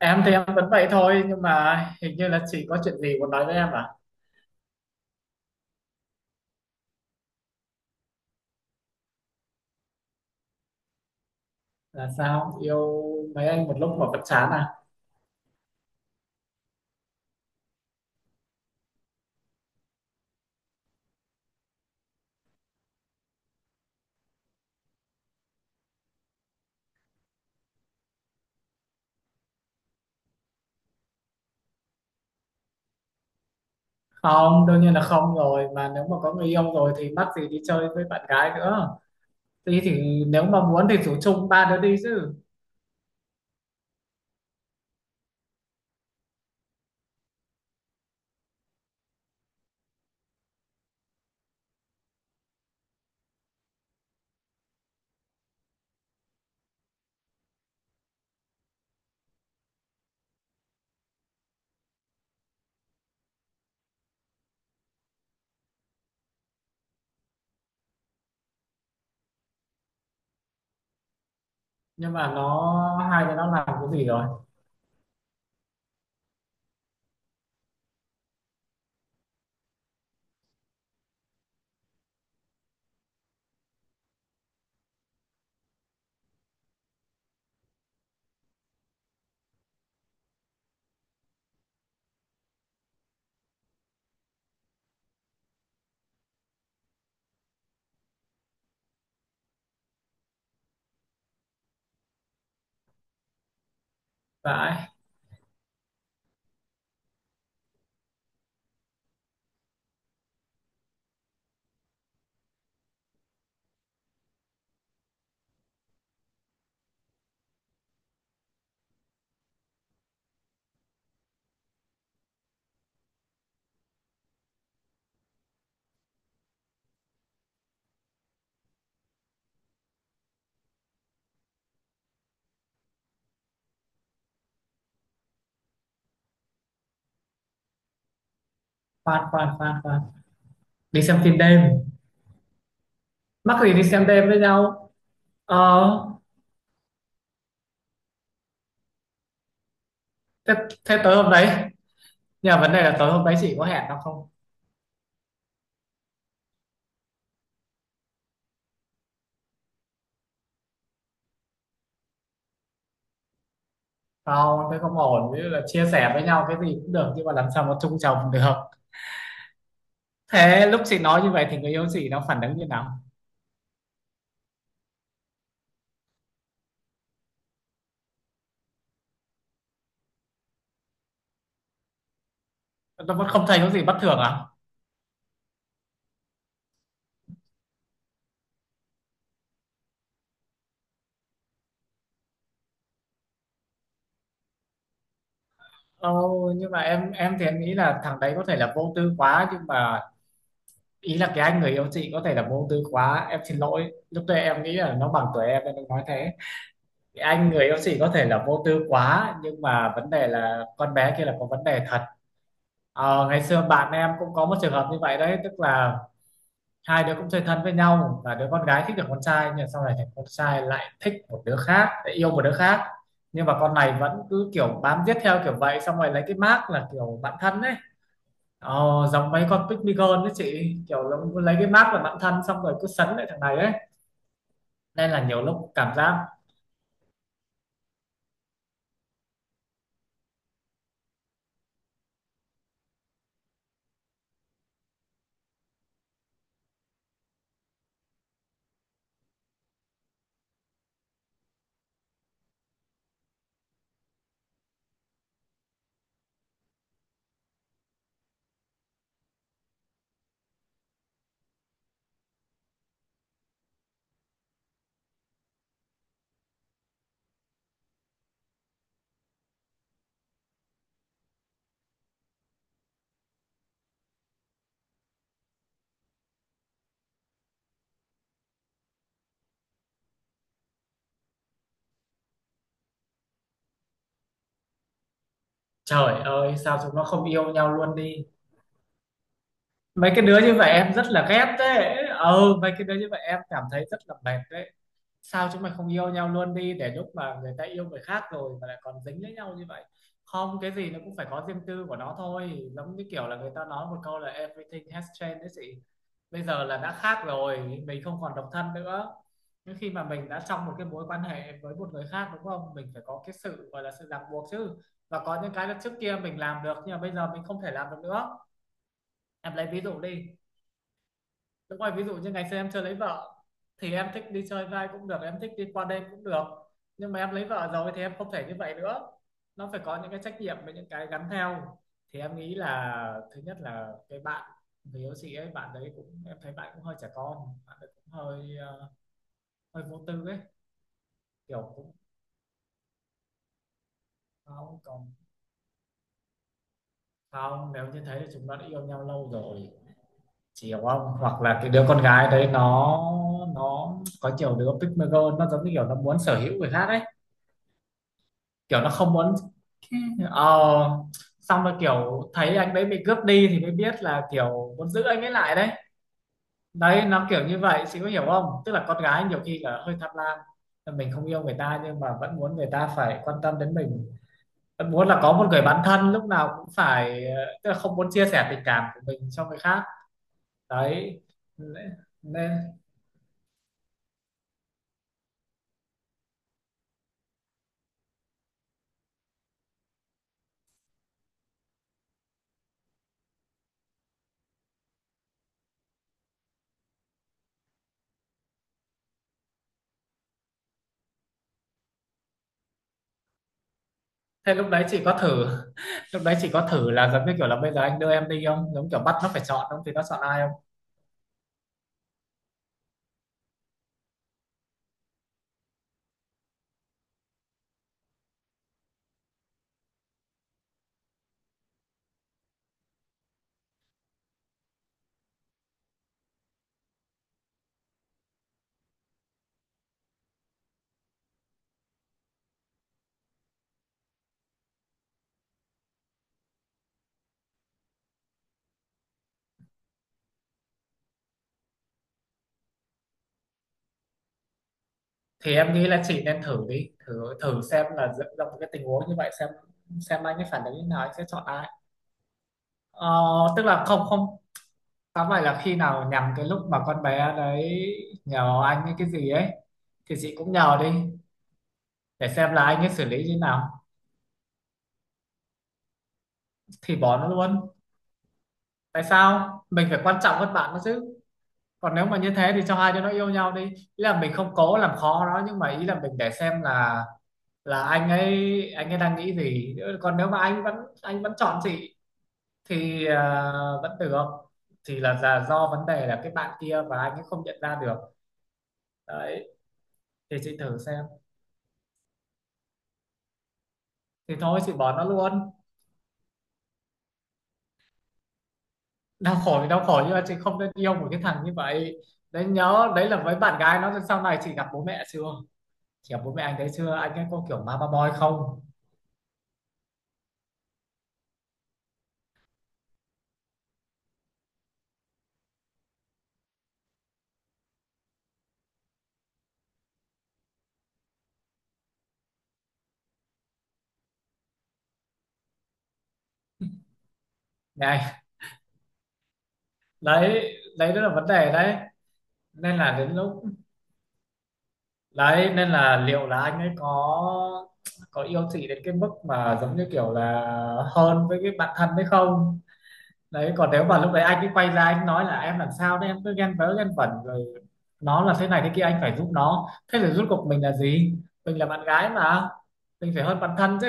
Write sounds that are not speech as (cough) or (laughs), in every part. Em thì em vẫn vậy thôi, nhưng mà hình như là chị có chuyện gì muốn nói với em à? Là sao, yêu mấy anh một lúc mà vẫn chán à? Không, đương nhiên là không rồi, mà nếu mà có người yêu rồi thì mắc gì đi chơi với bạn gái nữa, đi thì nếu mà muốn thì rủ chung ba đứa đi chứ. Nhưng mà hai đứa nó làm cái gì rồi? Vãi. Khoan khoan khoan khoan, đi xem phim đêm, mắc gì đi xem đêm với nhau? Ờ thế, thế tối hôm đấy, nhưng mà vấn đề là tối hôm đấy chị có hẹn nó không? Không, thế không ổn, ví dụ là chia sẻ với nhau cái gì cũng được nhưng mà làm sao mà chung chồng được. Thế lúc chị nói như vậy thì người yêu chị nó phản ứng như nào, nó vẫn không thấy có gì bất thường à? Ồ, nhưng mà em thì em nghĩ là thằng đấy có thể là vô tư quá, nhưng mà ý là cái anh người yêu chị có thể là vô tư quá, em xin lỗi lúc đấy em nghĩ là nó bằng tuổi em nên em nói thế. Cái anh người yêu chị có thể là vô tư quá, nhưng mà vấn đề là con bé kia là có vấn đề thật. Ngày xưa bạn em cũng có một trường hợp như vậy đấy, tức là hai đứa cũng chơi thân với nhau và đứa con gái thích được con trai, nhưng sau này thì con trai lại thích một đứa khác, lại yêu một đứa khác, nhưng mà con này vẫn cứ kiểu bám giết theo kiểu vậy, xong rồi lấy cái mác là kiểu bạn thân đấy. Ờ, giống mấy con Pygmy Girl đấy chị, kiểu nó cứ lấy cái mác là bạn thân xong rồi cứ sấn lại thằng này ấy, nên là nhiều lúc cảm giác trời ơi sao chúng nó không yêu nhau luôn đi. Mấy cái đứa như vậy em rất là ghét đấy, ừ, mấy cái đứa như vậy em cảm thấy rất là mệt đấy. Sao chúng mày không yêu nhau luôn đi, để lúc mà người ta yêu người khác rồi mà lại còn dính lấy nhau như vậy. Không, cái gì nó cũng phải có riêng tư của nó thôi, giống như kiểu là người ta nói một câu là everything has changed đấy chị. Bây giờ là đã khác rồi, mình không còn độc thân nữa. Nhưng khi mà mình đã trong một cái mối quan hệ với một người khác, đúng không, mình phải có cái sự gọi là sự ràng buộc chứ, và có những cái là trước kia mình làm được nhưng mà bây giờ mình không thể làm được nữa. Em lấy ví dụ đi. Đúng rồi, ví dụ như ngày xưa em chưa lấy vợ thì em thích đi chơi vai cũng được, em thích đi qua đêm cũng được. Nhưng mà em lấy vợ rồi thì em không thể như vậy nữa. Nó phải có những cái trách nhiệm với những cái gắn theo. Thì em nghĩ là thứ nhất là cái bạn người yêu chị ấy, bạn đấy cũng em thấy bạn cũng hơi trẻ con, bạn ấy cũng hơi hơi vô tư ấy, kiểu cũng ờ, không còn. Không, nếu như thế thì chúng nó đã yêu nhau lâu rồi, chị hiểu không? Hoặc là cái đứa con gái đấy nó có nhiều đứa pygmy girl nó giống như kiểu nó muốn sở hữu người khác ấy, kiểu nó không muốn, ờ xong rồi kiểu thấy anh đấy bị cướp đi thì mới biết là kiểu muốn giữ anh ấy lại đấy. Đấy, nó kiểu như vậy chị có hiểu không, tức là con gái nhiều khi là hơi tham lam, mình không yêu người ta nhưng mà vẫn muốn người ta phải quan tâm đến mình, vẫn muốn là có một người bạn thân lúc nào cũng phải, tức là không muốn chia sẻ tình cảm của mình cho người khác. Đấy. Nên nên- Thế lúc đấy chị có thử, (laughs) lúc đấy chị có thử là giống như kiểu là bây giờ anh đưa em đi không, giống kiểu bắt nó phải chọn, không thì nó chọn ai. Thì em nghĩ là chị nên thử đi, thử thử xem là dựng ra một cái tình huống như vậy xem anh ấy phản ứng như thế nào, anh sẽ chọn ai. ờ, Tức là, không không tóm lại là khi nào nhằm cái lúc mà con bé đấy nhờ anh ấy cái gì ấy thì chị cũng nhờ đi, để xem là anh ấy xử lý như thế nào. Thì bỏ nó luôn, tại sao mình phải quan trọng hơn bạn nó chứ, còn nếu mà như thế thì cho hai đứa nó yêu nhau đi, ý là mình không cố làm khó nó nhưng mà ý là mình để xem là anh ấy đang nghĩ gì. Còn nếu mà anh vẫn chọn chị thì vẫn được, thì là do vấn đề là cái bạn kia và anh ấy không nhận ra được. Đấy, thì chị thử xem. Thì thôi chị bỏ nó luôn, đau khổ thì đau khổ nhưng mà chị không nên yêu một cái thằng như vậy. Đấy, nhớ đấy, là với bạn gái nó sau này. Chị gặp bố mẹ chưa, chị gặp bố mẹ anh đấy chưa, anh ấy có kiểu mama boy không? Này, đấy đấy, đó là vấn đề đấy. Nên là đến lúc đấy, nên là liệu là anh ấy có yêu chị đến cái mức mà giống như kiểu là hơn với cái bạn thân hay không. Đấy, còn nếu mà lúc đấy anh ấy quay ra anh nói là, em làm sao đấy, em cứ ghen vớ ghen vẩn rồi, nó là thế này thế kia anh phải giúp nó, thế rồi rốt cuộc mình là gì, mình là bạn gái mà, mình phải hơn bạn thân chứ.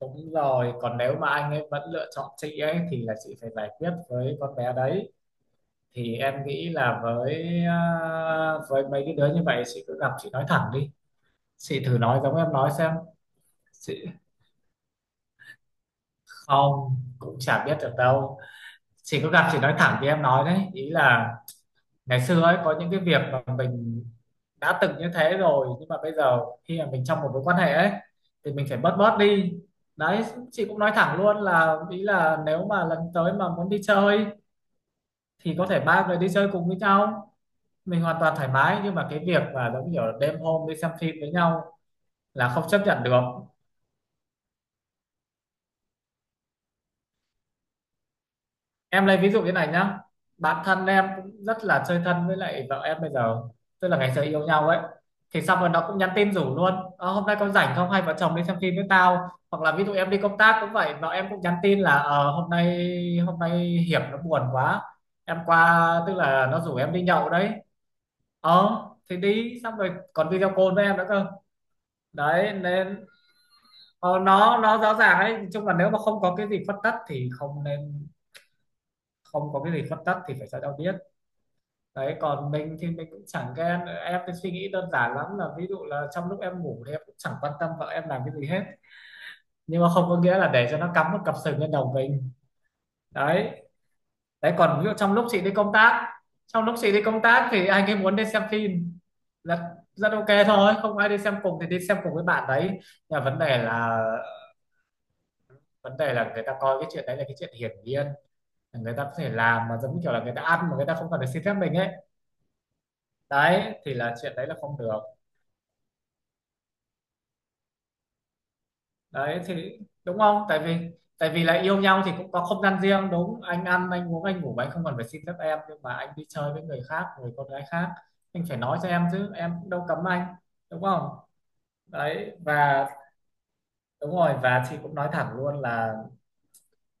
Đúng rồi, còn nếu mà anh ấy vẫn lựa chọn chị ấy thì là chị phải giải quyết với con bé đấy. Thì em nghĩ là với mấy cái đứa như vậy, chị cứ gặp chị nói thẳng đi, chị thử nói giống em nói xem. Chị không cũng chả biết được đâu, chị cứ gặp chị nói thẳng thì em nói đấy, ý là ngày xưa ấy có những cái việc mà mình đã từng như thế rồi, nhưng mà bây giờ khi mà mình trong một mối quan hệ ấy thì mình phải bớt bớt đi. Đấy, chị cũng nói thẳng luôn là, ý là nếu mà lần tới mà muốn đi chơi thì có thể ba người đi chơi cùng với nhau, mình hoàn toàn thoải mái, nhưng mà cái việc mà giống kiểu là đêm hôm đi xem phim với nhau là không chấp nhận được. Em lấy ví dụ như này nhá, bản thân em cũng rất là chơi thân với lại vợ em bây giờ, tức là ngày xưa yêu nhau ấy thì xong rồi nó cũng nhắn tin rủ luôn, "Ờ, hôm nay con rảnh không hay vợ chồng đi xem phim với tao", hoặc là ví dụ em đi công tác cũng vậy, vợ em cũng nhắn tin là, "Ờ, hôm nay hiệp nó buồn quá, em qua", tức là nó rủ em đi nhậu đấy, ờ thì đi, xong rồi còn video call với em nữa cơ. Đấy nên, nó rõ ràng ấy, chung là nếu mà không có cái gì khuất tất thì không nên, không có cái gì khuất tất thì phải cho nhau biết. Đấy, còn mình thì mình cũng chẳng ghen, em cái suy nghĩ đơn giản lắm là ví dụ là trong lúc em ngủ thì em cũng chẳng quan tâm vợ em làm cái gì hết, nhưng mà không có nghĩa là để cho nó cắm một cặp sừng lên đầu mình. Đấy. Đấy còn ví dụ trong lúc chị đi công tác thì anh ấy muốn đi xem phim, rất rất ok thôi, không ai đi xem cùng thì đi xem cùng với bạn đấy, nhưng mà vấn đề là người ta coi cái chuyện đấy là cái chuyện hiển nhiên, người ta có thể làm mà giống như kiểu là người ta ăn mà người ta không cần phải xin phép mình ấy. Đấy, thì là chuyện đấy là không được. Đấy thì đúng không, tại vì là yêu nhau thì cũng có không gian riêng đúng, anh ăn anh uống anh ngủ mà anh không cần phải xin phép em, nhưng mà anh đi chơi với người khác, người con gái khác, anh phải nói cho em chứ, em cũng đâu cấm anh, đúng không? Đấy và, đúng rồi, và chị cũng nói thẳng luôn là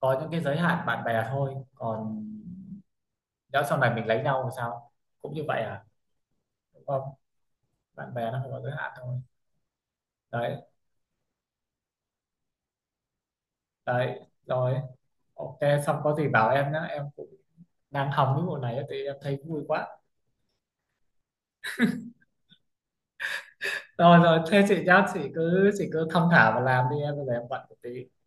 có những cái giới hạn bạn bè thôi, còn nhỡ sau này mình lấy nhau thì sao, cũng như vậy à, đúng không? Bạn bè nó phải có giới hạn thôi. Đấy. Đấy rồi, ok, xong có gì bảo em nhé, em cũng đang hóng cái bộ này thì em thấy vui quá. Rồi rồi, thế chị nhá, chị cứ thong thả và làm đi, em bây giờ em bận một tí.